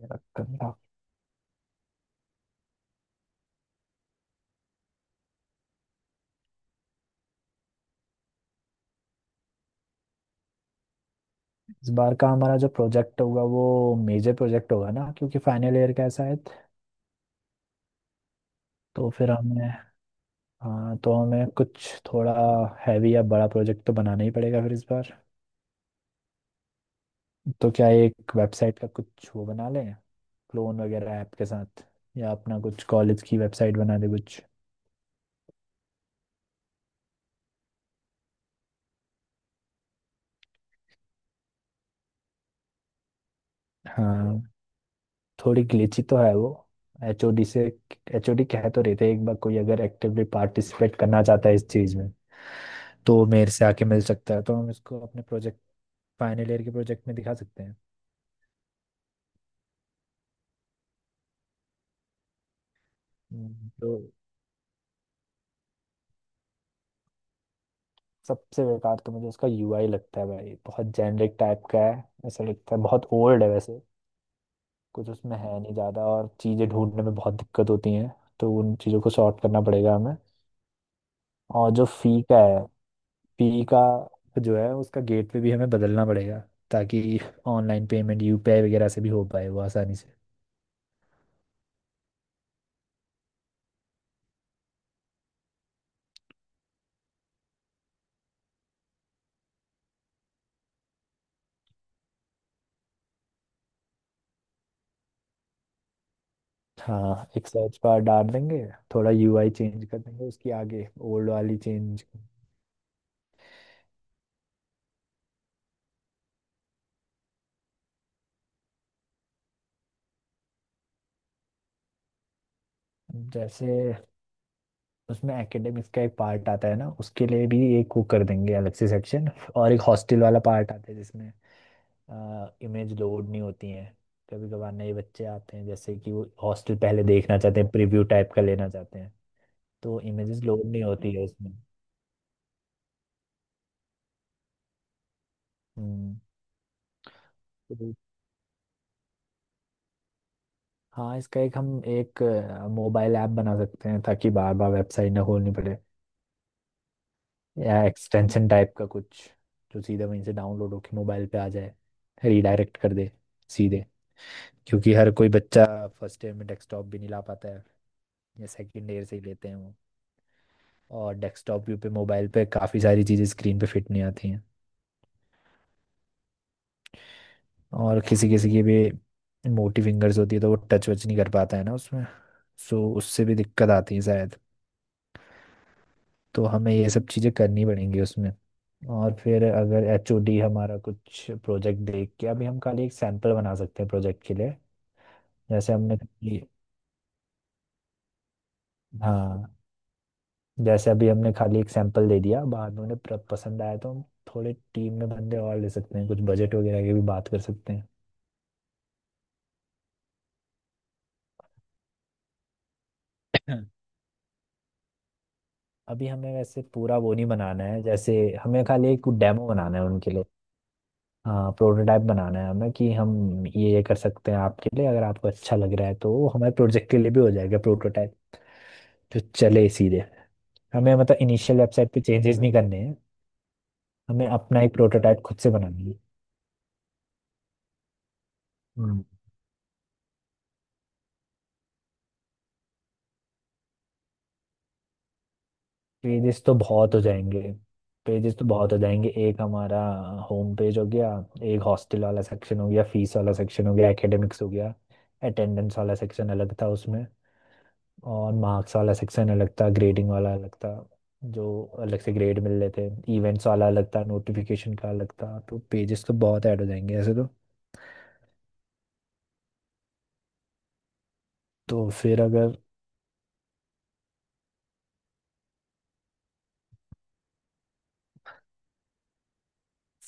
करूंगा। इस बार का हमारा जो प्रोजेक्ट होगा वो मेजर प्रोजेक्ट होगा ना, क्योंकि फाइनल ईयर का है शायद। तो फिर हमें, हाँ तो हमें कुछ थोड़ा हैवी या बड़ा प्रोजेक्ट तो बनाना ही पड़ेगा फिर इस बार। तो क्या एक वेबसाइट का कुछ वो बना लें, क्लोन वगैरह ऐप के साथ, या अपना कुछ कॉलेज की वेबसाइट बना दे कुछ। हाँ, थोड़ी ग्लिची तो है वो। एचओडी से, एचओडी कह तो रहे थे एक बार कोई अगर एक्टिवली पार्टिसिपेट करना चाहता है इस चीज़ में तो मेरे से आके मिल सकता है, तो हम इसको अपने प्रोजेक्ट, फाइनल ईयर के प्रोजेक्ट में दिखा सकते हैं। हम्म, तो सबसे बेकार तो मुझे उसका यूआई लगता है भाई, बहुत जेनरिक टाइप का है, ऐसा लगता है बहुत ओल्ड है वैसे। कुछ उसमें है नहीं ज़्यादा, और चीज़ें ढूंढने में बहुत दिक्कत होती हैं। तो उन चीज़ों को सॉर्ट करना पड़ेगा हमें। और जो फी का है, फी का जो है उसका गेटवे भी हमें बदलना पड़ेगा, ताकि ऑनलाइन पेमेंट यूपीआई वगैरह से भी हो पाए वो आसानी से। हाँ, एक सर्च बार डाल देंगे, थोड़ा यूआई चेंज कर देंगे उसकी, आगे ओल्ड वाली चेंज। जैसे उसमें एकेडमिक्स का एक पार्ट आता है ना, उसके लिए भी एक वो कर देंगे अलग से सेक्शन। और एक हॉस्टल वाला पार्ट आता है जिसमें इमेज लोड नहीं होती है। कभी कभार नए बच्चे आते हैं जैसे कि वो हॉस्टल पहले देखना चाहते हैं, प्रीव्यू टाइप का लेना चाहते हैं। तो इमेजेस लोड नहीं होती है उसमें। हम्म तो हाँ, इसका एक हम एक मोबाइल ऐप बना सकते हैं, ताकि बार बार वेबसाइट ना खोलनी पड़े। या एक्सटेंशन टाइप का कुछ, जो सीधा वहीं से डाउनलोड होके मोबाइल पे आ जाए, रीडायरेक्ट कर दे सीधे। क्योंकि हर कोई बच्चा फर्स्ट ईयर में डेस्कटॉप भी नहीं ला पाता है, या सेकंड ईयर से ही लेते हैं वो। और डेस्कटॉप भी पे मोबाइल पे काफ़ी सारी चीज़ें स्क्रीन पे फिट नहीं आती हैं। और किसी किसी की भी मोटी फिंगर्स होती है, तो वो टच वच नहीं कर पाता है ना उसमें। सो उससे भी दिक्कत आती है शायद। तो हमें ये सब चीज़ें करनी पड़ेंगी उसमें। और फिर अगर एचओडी हमारा कुछ प्रोजेक्ट देख के, अभी हम खाली एक सैंपल बना सकते हैं प्रोजेक्ट के लिए। जैसे हमने कभी- हाँ, जैसे अभी हमने खाली एक सैंपल दे दिया, बाद में उन्हें पसंद आया तो हम थोड़े टीम में बंदे और ले सकते हैं, कुछ बजट वगैरह की भी बात कर सकते हैं। अभी हमें वैसे पूरा वो नहीं बनाना है, जैसे हमें खाली एक डेमो बनाना है उनके लिए। हाँ, प्रोटोटाइप बनाना है हमें, कि हम ये कर सकते हैं आपके लिए, अगर आपको अच्छा लग रहा है तो वो हमारे प्रोजेक्ट के लिए भी हो जाएगा प्रोटोटाइप, जो चले सीधे। हमें मतलब इनिशियल वेबसाइट पे चेंजेस नहीं करने हैं, हमें अपना एक प्रोटोटाइप खुद से बनाना है। पेजेस तो बहुत हो जाएंगे, पेजेस तो बहुत हो जाएंगे। एक हमारा होम पेज हो गया, एक हॉस्टल वाला सेक्शन हो गया, फीस वाला सेक्शन हो गया, एकेडमिक्स हो गया, अटेंडेंस वाला सेक्शन अलग था उसमें, और मार्क्स वाला सेक्शन अलग था, ग्रेडिंग वाला अलग था, जो अलग से ग्रेड मिल रहे थे, इवेंट्स वाला अलग था, नोटिफिकेशन का अलग था। तो पेजेस तो बहुत ऐड हो जाएंगे ऐसे तो। तो फिर अगर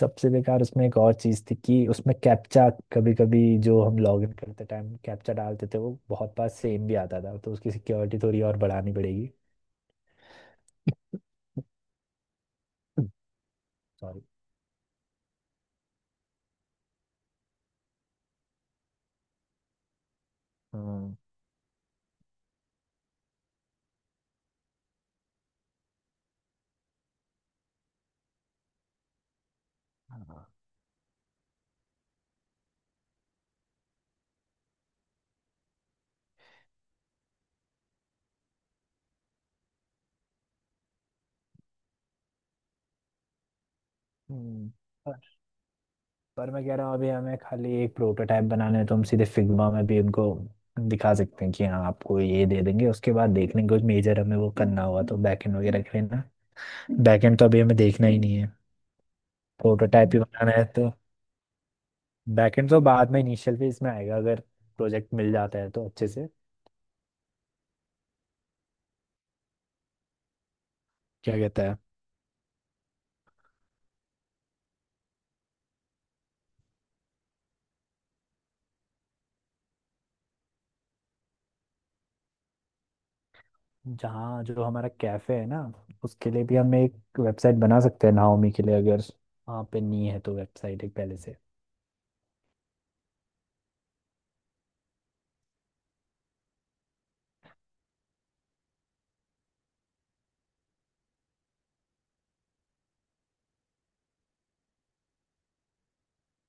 सबसे बेकार उसमें एक और चीज थी कि उसमें कैप्चा, कभी कभी जो हम लॉग इन करते टाइम कैप्चा डालते थे वो बहुत बार सेम भी आता था, तो उसकी सिक्योरिटी थोड़ी और बढ़ानी पड़ेगी। सॉरी। हम्म। हाँ। हम्म पर पर मैं कह रहा हूँ अभी हमें खाली एक प्रोटोटाइप बनाना है, तो हम सीधे फिग्मा में भी उनको दिखा सकते हैं कि हाँ आपको ये दे देंगे, उसके बाद देख लेंगे कुछ मेजर हमें वो करना हुआ तो बैकएंड वगैरह के लिए ना। बैकएंड तो अभी हमें देखना ही नहीं है, प्रोटोटाइप ही बनाना है तो। बैकएंड तो बाद में इनिशियल फेज में आएगा, अगर प्रोजेक्ट मिल जाता है तो अच्छे से। क्या कहता है। जहाँ जो हमारा कैफे है ना, उसके लिए भी हम एक वेबसाइट बना सकते हैं नाओमी के लिए, अगर वहाँ पे नहीं है तो वेबसाइट एक पहले से।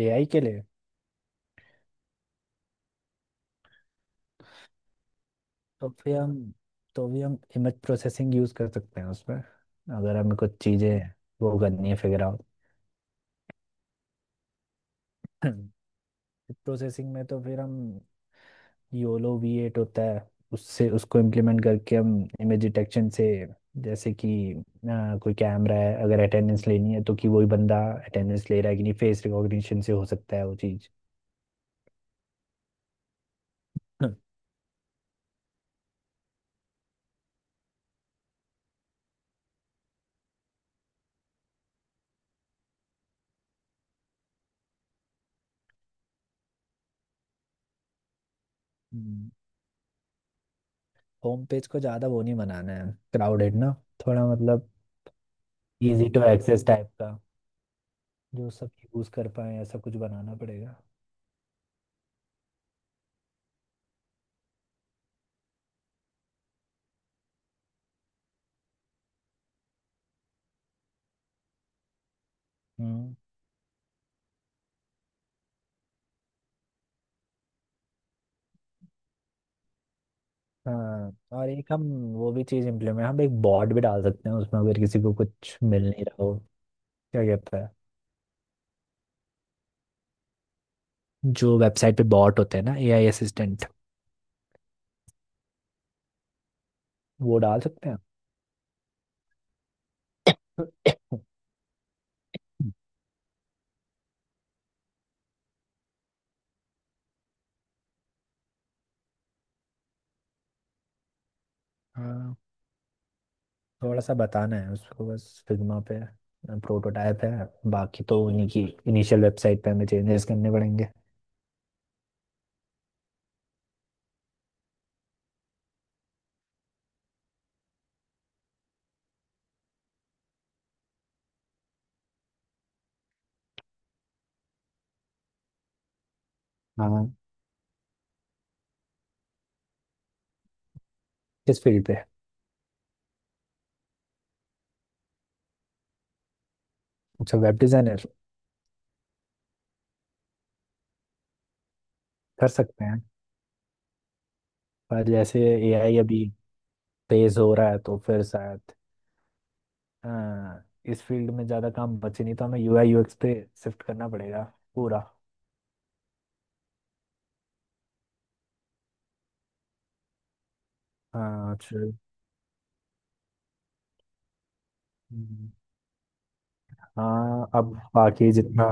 एआई के लिए। तो फिर हम, तो भी हम इमेज प्रोसेसिंग यूज़ कर सकते हैं उसमें, अगर हमें कुछ चीज़ें वो करनी है फिगर आउट। प्रोसेसिंग में तो फिर हम, योलो V8 होता है, उससे उसको इम्प्लीमेंट करके हम इमेज डिटेक्शन से, जैसे कि कोई कैमरा है अगर अटेंडेंस लेनी है तो कि वही बंदा अटेंडेंस ले रहा है कि नहीं, फेस रिकॉग्निशन से हो सकता है वो चीज़। होम पेज को ज़्यादा वो नहीं बनाना है, क्राउडेड ना थोड़ा मतलब, इजी टू एक्सेस टाइप का, जो सब यूज़ कर पाए ऐसा कुछ बनाना पड़ेगा। हम्म। हाँ, और एक हम वो भी चीज़ इम्प्लीमेंट, हम एक बॉट भी डाल सकते हैं उसमें, अगर किसी को कुछ मिल नहीं रहा हो। क्या कहता है। जो वेबसाइट पे बॉट होते हैं ना, एआई असिस्टेंट, वो डाल सकते हैं। हाँ, थोड़ा सा बताना है उसको बस फिग्मा पे, प्रोटोटाइप है। बाकी तो उन्हीं की इनिशियल वेबसाइट पे हमें चेंजेस करने पड़ेंगे। हाँ। किस फील्ड पे। अच्छा, वेब डिजाइनर। कर सकते हैं, पर जैसे एआई अभी तेज हो रहा है तो फिर शायद, हाँ, इस फील्ड में ज़्यादा काम बचे नहीं तो हमें यूआई यूएक्स पे शिफ्ट करना पड़ेगा पूरा। हाँ चल। हम्म, हाँ, अब बाकी जितना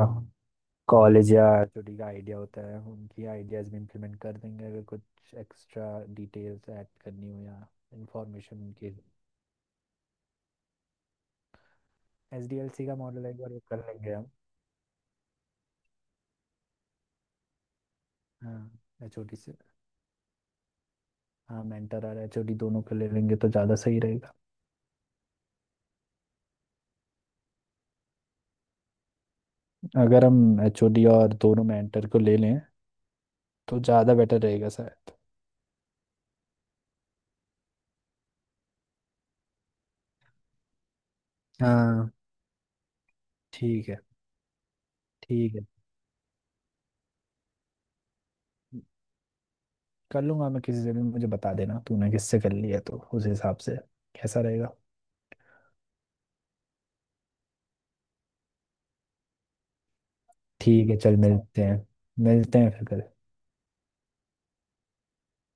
कॉलेज या छोटी का आइडिया होता है उनकी आइडियाज भी इम्प्लीमेंट कर देंगे, अगर कुछ एक्स्ट्रा डिटेल्स ऐड करनी हो या इंफॉर्मेशन उनके। एसडीएलसी का मॉडल एक बार वो कर लेंगे हम। हाँ। एचओडी से। हाँ, मेंटर और एचओडी दोनों को ले लेंगे तो ज़्यादा सही रहेगा। अगर हम एचओडी और दोनों मेंटर को ले लें तो ज़्यादा बेटर रहेगा शायद। हाँ, ठीक है। ठीक है, कर लूंगा मैं किसी से भी। मुझे बता देना तूने किससे कर लिया तो उस हिसाब से कैसा रहेगा। ठीक है चल, मिलते हैं। मिलते हैं फिर कल।